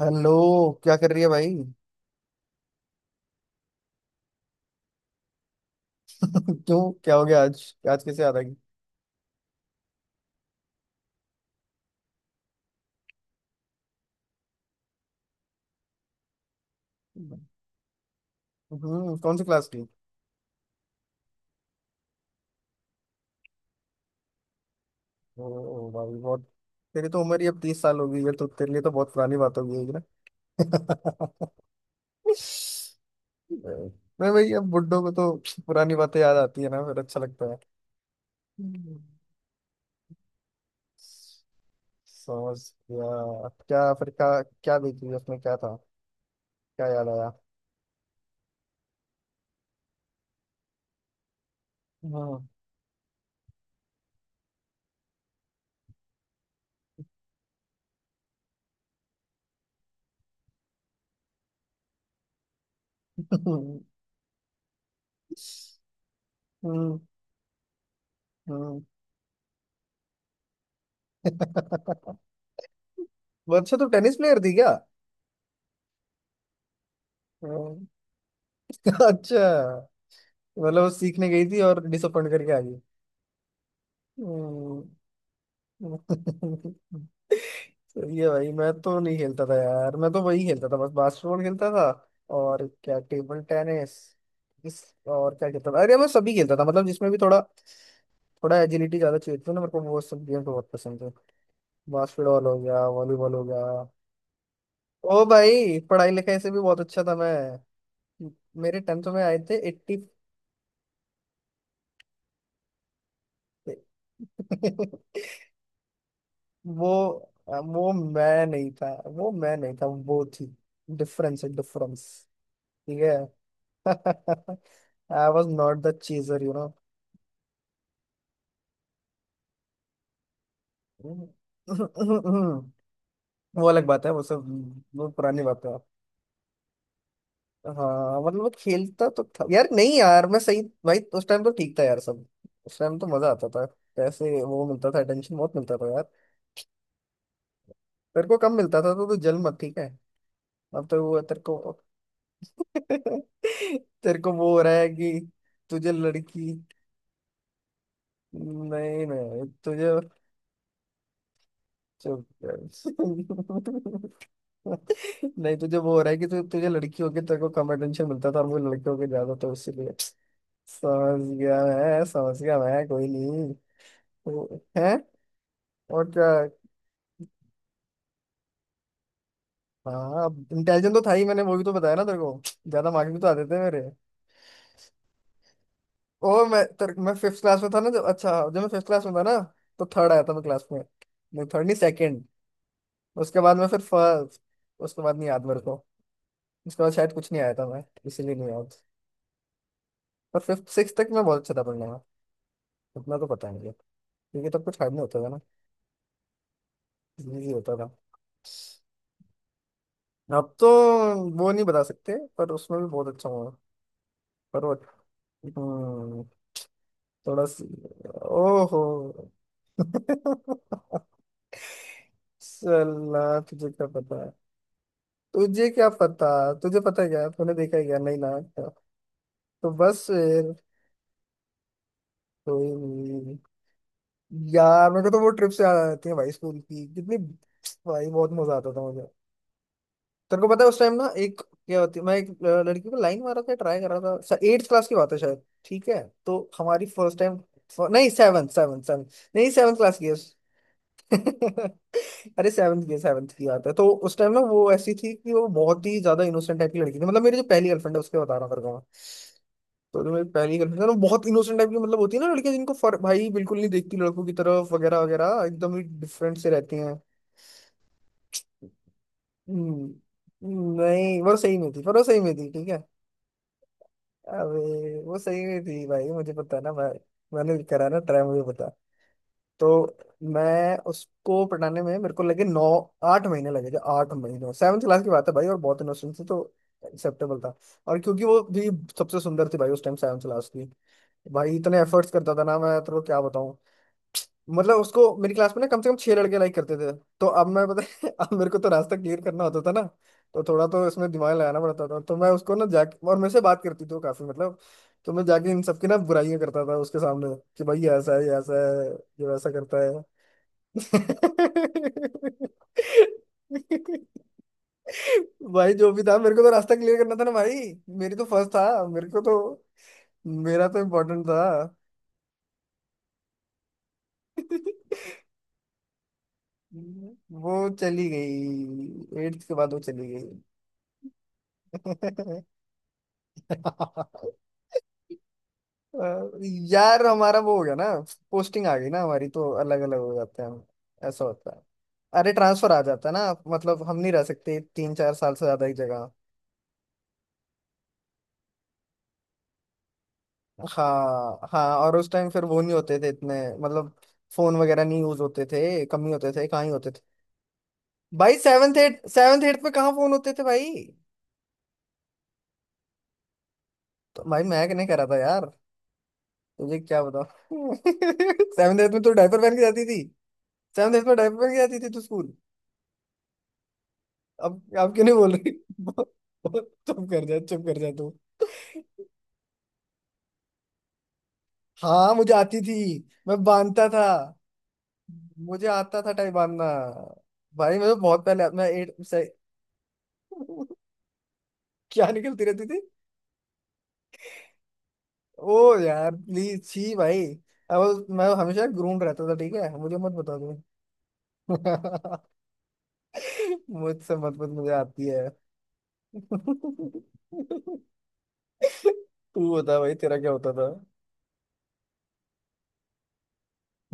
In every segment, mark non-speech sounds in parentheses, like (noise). Hello. क्या कर रही है भाई? (laughs) क्यों, क्या हो गया आज? आज कैसे याद आ गई? कौन सी क्लास की? ओ भाई बहुत। तेरी तो उम्र ही अब 30 साल हो गई है, तो तेरे लिए तो बहुत पुरानी बात हो गई है ना। (laughs) मैं भाई, अब बुड्ढों को तो पुरानी बातें याद आती है ना, फिर अच्छा लगता है। हम्म। समझ गया क्या? फिर क्या? क्या देखी उसमें, क्या था? क्या याद आया? हाँ। (laughs) हम्म। हम्म। (laughs) वो अच्छा, तो टेनिस प्लेयर थी? क्या? अच्छा, मतलब वो सीखने गई थी और डिसअपॉइंट करके आ गई। हम्म। (laughs) सही है भाई। मैं तो नहीं खेलता था यार। मैं तो वही खेलता था, बस बास्केटबॉल खेलता था। और क्या, टेबल टेनिस। इस और क्या खेलता था। अरे मैं सभी खेलता था, मतलब जिसमें भी थोड़ा थोड़ा एजिलिटी ज्यादा चाहिए थी ना, मेरे को वो सब गेम तो बहुत पसंद है। बास्केटबॉल हो गया, वॉलीबॉल हो गया। ओ भाई, पढ़ाई लिखाई से भी बहुत अच्छा था मैं। मेरे टेंथ में आए थे एट्टी। (laughs) वो वो मैं नहीं था, वो मैं नहीं था, वो थी। डिफरेंस है, डिफरेंस। ठीक है। (laughs) आई was not the cheater you no. (laughs) वो अलग बात है, वो सब। वो पुरानी बात है। हाँ मतलब वो खेलता तो था यार, नहीं यार मैं सही। भाई उस टाइम तो ठीक था यार सब। उस टाइम तो मजा आता था। पैसे वो मिलता था, टेंशन बहुत मिलता था यार। तेरे को कम मिलता था तो तू जल मत, ठीक है। अब तो वो तेरे को। (laughs) तेरे को वो हो रहा है कि तुझे लड़की। नहीं नहीं, तुझे। चुप कर। (laughs) नहीं, तुझे वो हो रहा है कि तुझे लड़की होके तेरे को कम अटेंशन मिलता था और मुझे लड़के होके ज्यादा, तो इसीलिए। समझ गया मैं, समझ गया मैं। कोई नहीं। है। और क्या? हाँ, इंटेलिजेंट तो था ही। मैंने वो भी तो बताया ना तेरे को। ज्यादा मार्क्स भी तो आते थे मेरे। ओ, मैं फिफ्थ क्लास में था ना, जब, अच्छा जब मैं फिफ्थ क्लास में था ना, तो थर्ड आया था मैं क्लास में। नहीं थर्ड नहीं, सेकंड। उसके बाद में फिर उसके बाद नहीं याद मेरे को। उसके बाद शायद कुछ नहीं आया था मैं, इसीलिए नहीं याद। पर फिफ्थ सिक्स तक मैं बहुत अच्छा था पढ़ने में। उतना तो पता नहीं है, क्योंकि तब कुछ हार्ड नहीं होता था ना, इजी होता था। अब तो वो नहीं बता सकते, पर उसमें भी बहुत अच्छा हुआ। पर वो। हम्म, थोड़ा सी। ओहो। (laughs) सला। तुझे क्या पता है, तुझे क्या पता? तुझे पता है क्या, तूने देखा है क्या? नहीं ना, तो बस। कोई नहीं। यार मेरे को तो वो ट्रिप से याद आ जाती है भाई, स्कूल की कितनी। भाई बहुत मजा आता था मुझे। तेरे को पता है, उस टाइम ना एक क्या होती, मैं एक लड़की को लाइन मारा था, ट्राई कर रहा था। एट्थ क्लास की बात है शायद, ठीक है। तो हमारी फर्स्ट टाइम, नहीं सेवन सेवन सेवन, नहीं सेवन क्लास की है। (laughs) अरे सेवन्थ की, सेवन्थ की बात है। तो उस टाइम ना वो ऐसी थी कि वो बहुत ही ज्यादा इनोसेंट टाइप की लड़की थी। मतलब मेरी जो पहली गर्लफ्रेंड है, उसके बता रहा हूँ तेरे को मैं। तो तुम्हें पहली कन्फ्यूजन, वो बहुत इनोसेंट टाइप की, मतलब होती है ना लड़कियां जिनको फर भाई बिल्कुल नहीं देखती लड़कों की तरफ, वगैरह वगैरह एकदम ही डिफरेंट से रहती हैं। हम्म नहीं वो सही में थी, पर वो सही में थी, ठीक है। अबे वो सही में थी भाई, मुझे पता ना भाई। मैंने भी करा ना ट्राई, मुझे पता। तो मैं उसको पटाने में मेरे को लगे 9, 8 महीने लगे थे, 8 महीने। सेवन्थ क्लास की बात है भाई, और बहुत इनोसेंट थी तो एक्सेप्टेबल था। और क्योंकि वो भी सबसे सुंदर थी भाई उस टाइम, सेवन्थ क्लास की। भाई इतने एफर्ट्स करता था ना मैं, तेरे को क्या बताऊं। मतलब उसको मेरी क्लास में ना कम से कम 6 लड़के लाइक करते थे। तो अब मैं, पता है (laughs) अब मेरे को तो रास्ता क्लियर करना होता था ना। तो थोड़ा तो इसमें दिमाग लगाना पड़ता था। तो मैं उसको ना जाके, और मेरे से बात करती थी वो काफी, मतलब। तो मैं जाके इन सबकी ना बुराइयां करता था उसके सामने कि भाई, ये ऐसा है, ये ऐसा है, ये वैसा करता है। (laughs) भाई जो भी था, मेरे को तो रास्ता क्लियर करना था ना भाई। मेरी तो फर्स्ट था, मेरे को तो। मेरा तो इम्पोर्टेंट था। (laughs) वो चली गई, एट्थ के बाद वो चली गई। (laughs) अ, यार हमारा वो हो गया ना, पोस्टिंग आ गई ना हमारी, तो अलग अलग हो जाते हैं हम। ऐसा होता है। अरे ट्रांसफर आ जाता है ना, मतलब हम नहीं रह सकते 3 4 साल से ज्यादा एक जगह। हाँ हाँ, और उस टाइम फिर वो नहीं होते थे इतने, मतलब फोन वगैरह नहीं यूज होते थे, कम ही होते थे, कहाँ ही होते थे। भाई सेवन्थ एट, सेवन्थ एट में कहाँ फोन होते थे भाई। तो भाई मैं नहीं करा था यार। तुझे क्या बताओ। (laughs) सेवन एथ में तो डायपर पहन के जाती थी। सेवन एथ में डायपर पहन के जाती थी तू स्कूल। अब क्यों नहीं बोल रही? (laughs) चुप कर जा, चुप कर जा तू। हाँ मुझे आती थी। मैं बांधता था, मुझे आता था टाई बांधना। भाई मैं तो बहुत पहले, मैं एट से। (laughs) क्या निकलती रहती थी? ओ यार प्लीज, छी भाई। अब मैं हमेशा ग्रूम रहता था, ठीक है, मुझे मत बता दो। (laughs) मुझसे मत मत मुझे आती है। (laughs) (laughs) तू बता भाई, तेरा क्या होता था?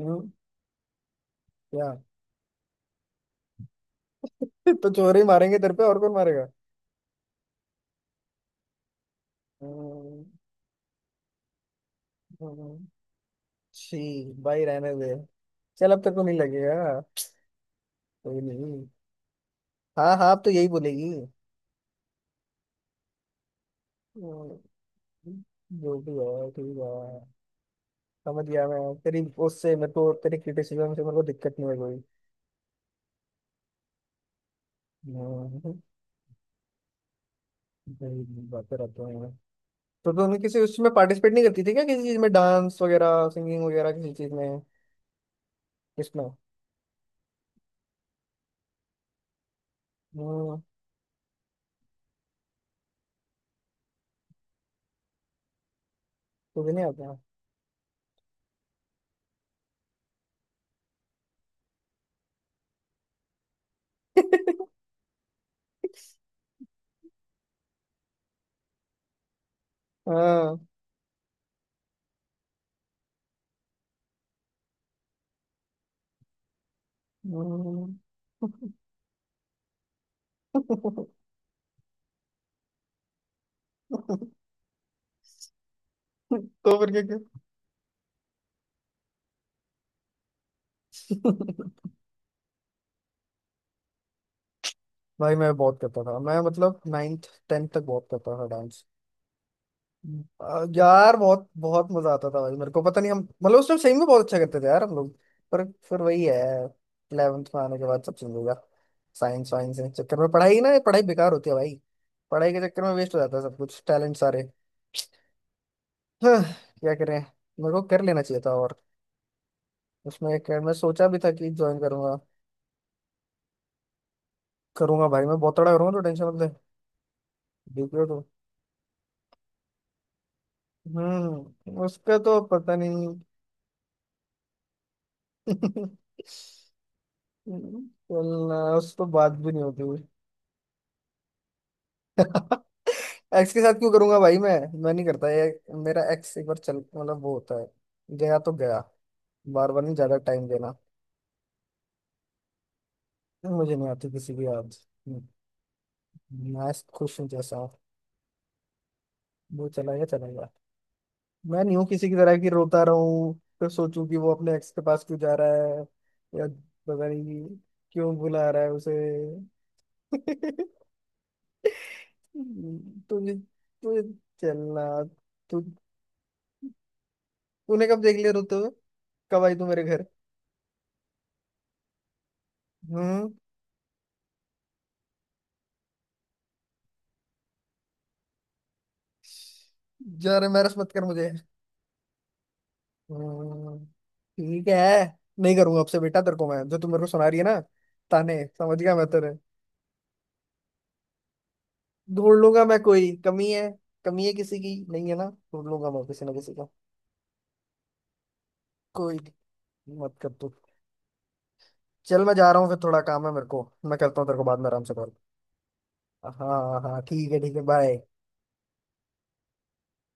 हम्म। क्या? (laughs) तो चोर ही मारेंगे तेरे पे, और कौन मारेगा? हम्म, हम्म, छी। भाई रहने दे। चल अब तक को नहीं लगेगा। कोई नहीं। हाँ हाँ, अब तो यही बोलेगी। हम्म, जो भी है ठीक है। समझ गया मैं तेरी, उससे मेरे को तेरी क्रिटिसिज्म से मेरे को दिक्कत नहीं है कोई। हम्म, भाई, बातें रहते हैं। तो तुमने किसी उसमें पार्टिसिपेट नहीं करती थी क्या, किसी चीज में, डांस वगैरह, सिंगिंग वगैरह, किसी चीज में? इसमें? तुझे नहीं आता? (laughs) हाँ। हम्म। तो फिर क्या? क्या? (laughs) भाई मैं बहुत करता था मैं, मतलब नाइन्थ टेंथ तक बहुत करता था डांस। आ, यार बहुत बहुत मजा आता था भाई। मेरे को पता नहीं हम, मतलब उस टाइम सही में बहुत अच्छा करते थे यार हम लोग। पर फिर वही है, 11th में आने के बाद सब चेंज हो गया। साइंस वाइंस के चक्कर में पढ़ाई, ना पढ़ाई बेकार होती है भाई। पढ़ाई के चक्कर में वेस्ट हो जाता है सब कुछ, टैलेंट सारे। (sighs) हाँ, क्या करें। मेरे को कर लेना चाहिए था, और उसमें एक मैं सोचा भी था कि ज्वाइन करूंगा। करूंगा भाई, मैं बहुत तगड़ा करूंगा, तो टेंशन मत ले। डीपीओ तो। हम्म, उसका तो पता नहीं। (laughs) चलना, उस तो बात भी नहीं होती हुई। (laughs) एक्स के साथ क्यों करूंगा भाई मैं? मैं नहीं करता ये। मेरा एक्स एक बार चल, मतलब वो होता है, गया तो गया। बार बार नहीं ज्यादा टाइम देना। मुझे नहीं आती किसी की याद। हम्म, मैं खुश हूँ जैसा हूँ। वो चला गया, चला गया। मैं नहीं हूँ किसी की तरह की रोता रहूं। फिर सोचूं कि वो अपने एक्स के पास क्यों जा रहा है, या पता नहीं क्यों बुला रहा है उसे। (laughs) तुझे तुझे चलना। तू, तूने कब देख लिया रोते हुए? कब आई तू मेरे घर? हम्म। जा रहे, मैरस मत कर मुझे। हम्म, ठीक है। नहीं करूंगा आपसे बेटा। तेरे को मैं, जो तू मेरे को सुना रही है ना ताने, समझ गया मैं तेरे। ढूंढ लूंगा मैं, कोई कमी है? कमी है किसी की, नहीं है ना। ढूंढ लूंगा मैं किसी ना किसी का। कोई नहीं, मत कर तू। चल मैं जा रहा हूँ फिर, थोड़ा काम है मेरे को, मैं करता हूँ तेरे को बाद में आराम से कॉल। हाँ हाँ हाँ, ठीक है ठीक है, बाय।